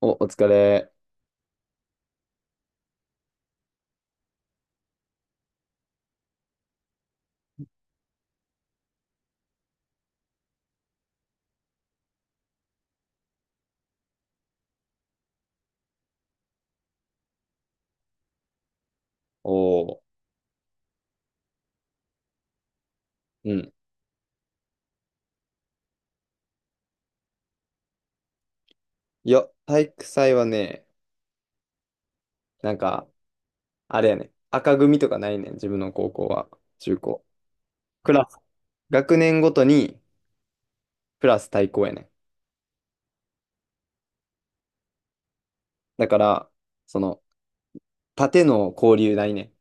お疲れ。おー。うん。いや、体育祭はね、なんか、あれやね、赤組とかないねん、自分の高校は、中高。クラス、学年ごとに、クラス対抗やねん。だから、その、縦の交流ないねん。い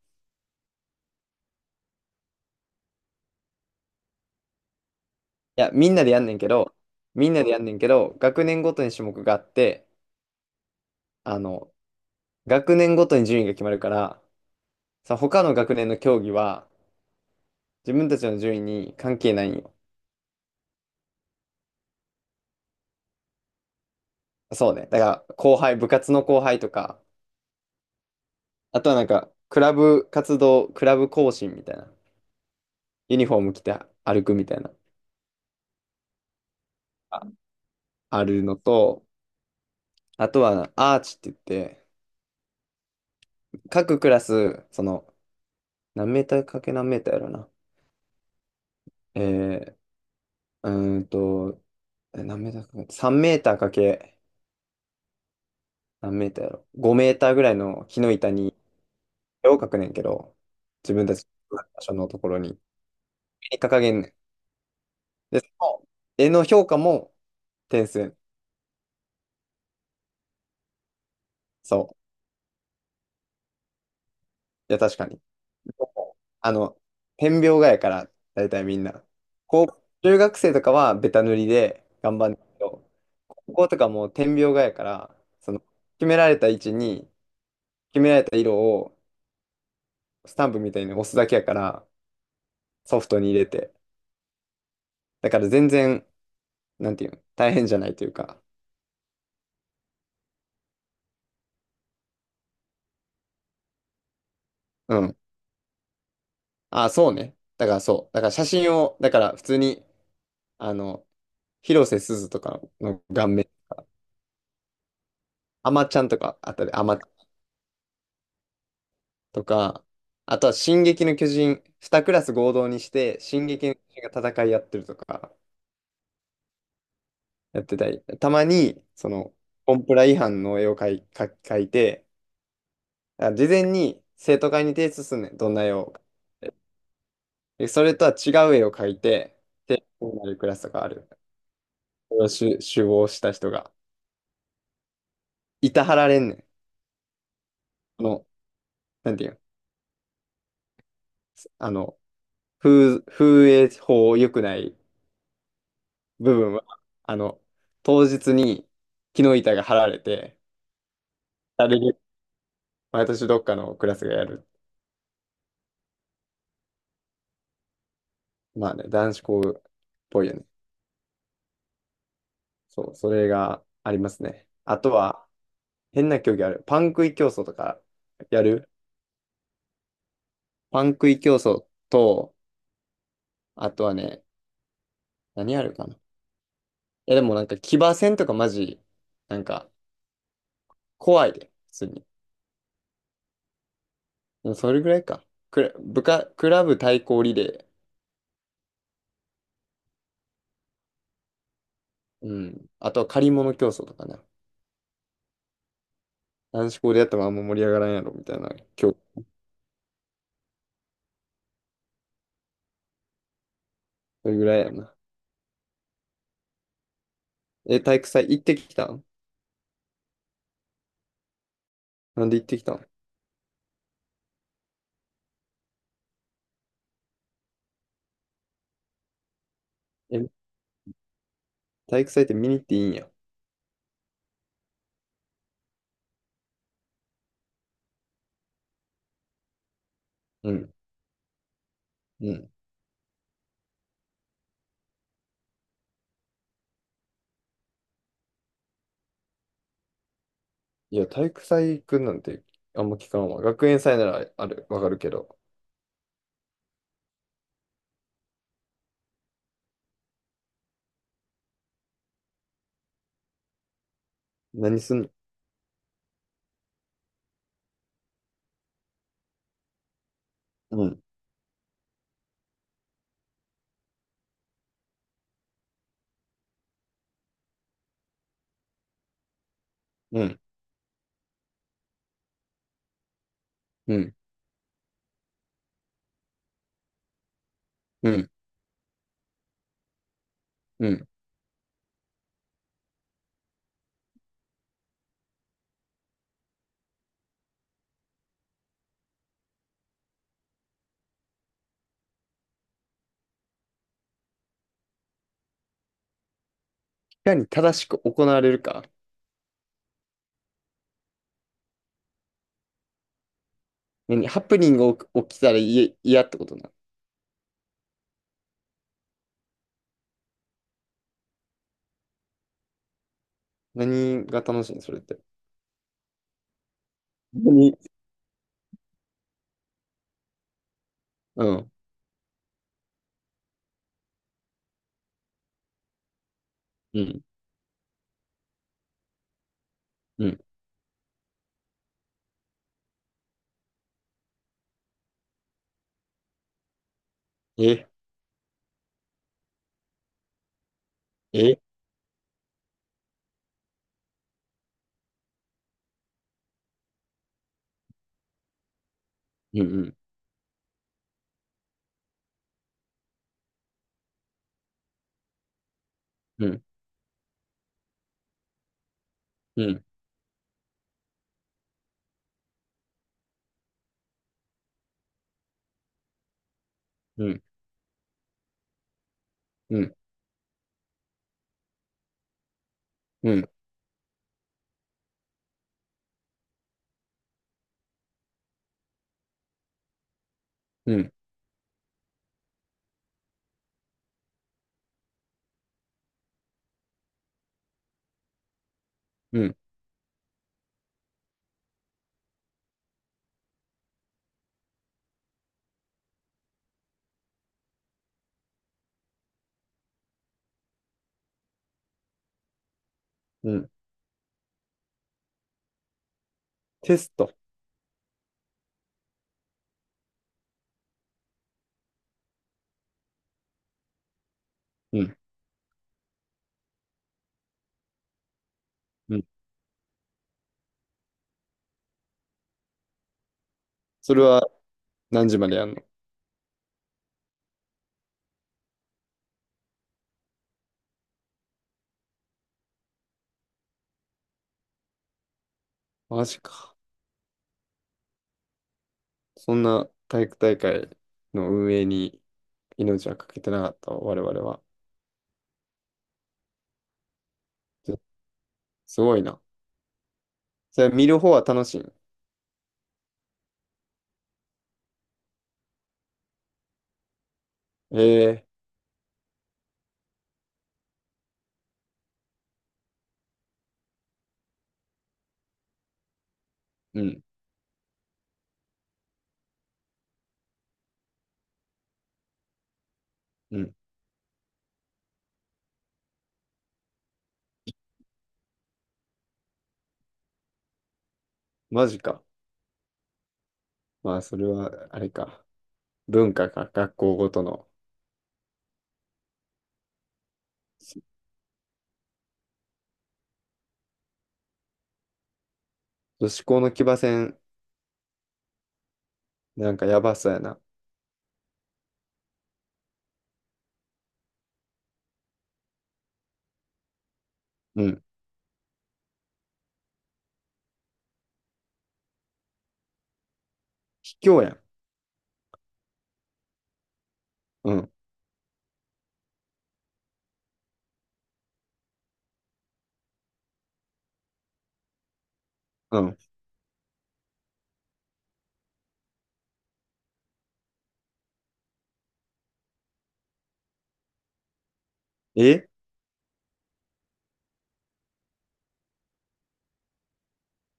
や、みんなでやんねんけど、みんなでやんねんけど、学年ごとに種目があって、あの、学年ごとに順位が決まるから、他の学年の競技は、自分たちの順位に関係ないんよ。そうね。だから、部活の後輩とか、あとはなんか、クラブ行進みたいな。ユニフォーム着て歩くみたいな。あるのと、あとはアーチって言って、各クラス、何メーターかけ何メーターやろな。えー、うーんと、何メーターかけ、3メーターかけ何メーターやろ。5メーターぐらいの木の板に絵を描くねんけど、自分たちの場所のところに、絵に掲げんねん。で、その絵の評価も点数やねん。そう。いや、確かに。あの、点描画やから、大体みんな。高中学生とかはベタ塗りで頑張るんだけど、高校とかもう点描画やから、その、決められた位置に、決められた色を、スタンプみたいに押すだけやから、ソフトに入れて。だから全然、なんていうの、大変じゃないというか。うん。あ、そうね。だからそう。だから写真を、だから普通に、あの、広瀬すずとかの顔面、あまちゃんとかあったで、あまとか、あとは「進撃の巨人」2クラス合同にして「進撃の巨人」が戦いやってるとかやってたり、たまにそのコンプラ違反の絵を描いて、事前に生徒会に提出すんねん、どんな絵を。でそれとは違う絵を描いて、で、こうなるクラスとかある。それを首謀した人がいたはられんねん。この、なんていうの、あの、風営法良くない部分は、あの、当日に木の板が張られて、あれで、毎年どっかのクラスがやる。まあね、男子校っぽいよね。そう、それがありますね。あとは、変な競技ある。やるパン食い競争と、あとはね、何あるかな。いや、でもなんか騎馬戦とかマジ、なんか怖いで、普通に。でもそれぐらいか。クラブ対抗リレー。うん。あとは借り物競争とかね。男子校でやってもあんま盛り上がらんやろ、みたいな。今日、それぐらいやな。体育祭行ってきたん？なんで行ってきたん？え、体育祭って見に行っていいんや。うん、うん。いや、体育祭行くなんてあんま聞かんわ。学園祭ならある、わかるけど。何すんの？うん、うん、うん、うん、うん。いかに正しく行われるか。何ハプニングが起きたら嫌ってことな。何が楽しいのそれって？何うん、うん、うん。え、え、うん、うん、うん、うん、うん、うん、うん、うん、うん。テスト。うん、うん。それは何時までやんの？マジか。そんな体育大会の運営に命はかけてなかった我々は。ずすごいな。それ見る方は楽しい？ええ。うん、うん。マジか。まあ、それは、あれか。文化か、学校ごとの。女子校の騎馬戦、なんかやばそうやな。うん。卑怯やん。うん、うん。え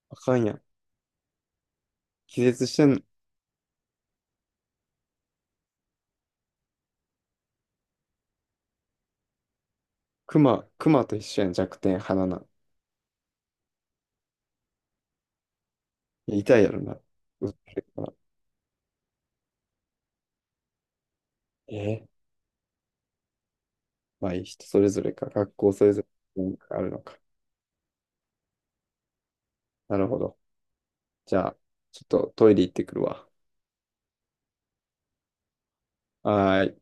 あかんやん。気絶してん？熊と一緒やん、弱点、鼻な。痛いやろな。打ってるから。えまあ、いい人それぞれか、学校それぞれ文化があるのか。なるほど。じゃあ、ちょっとトイレ行ってくるわ。はーい。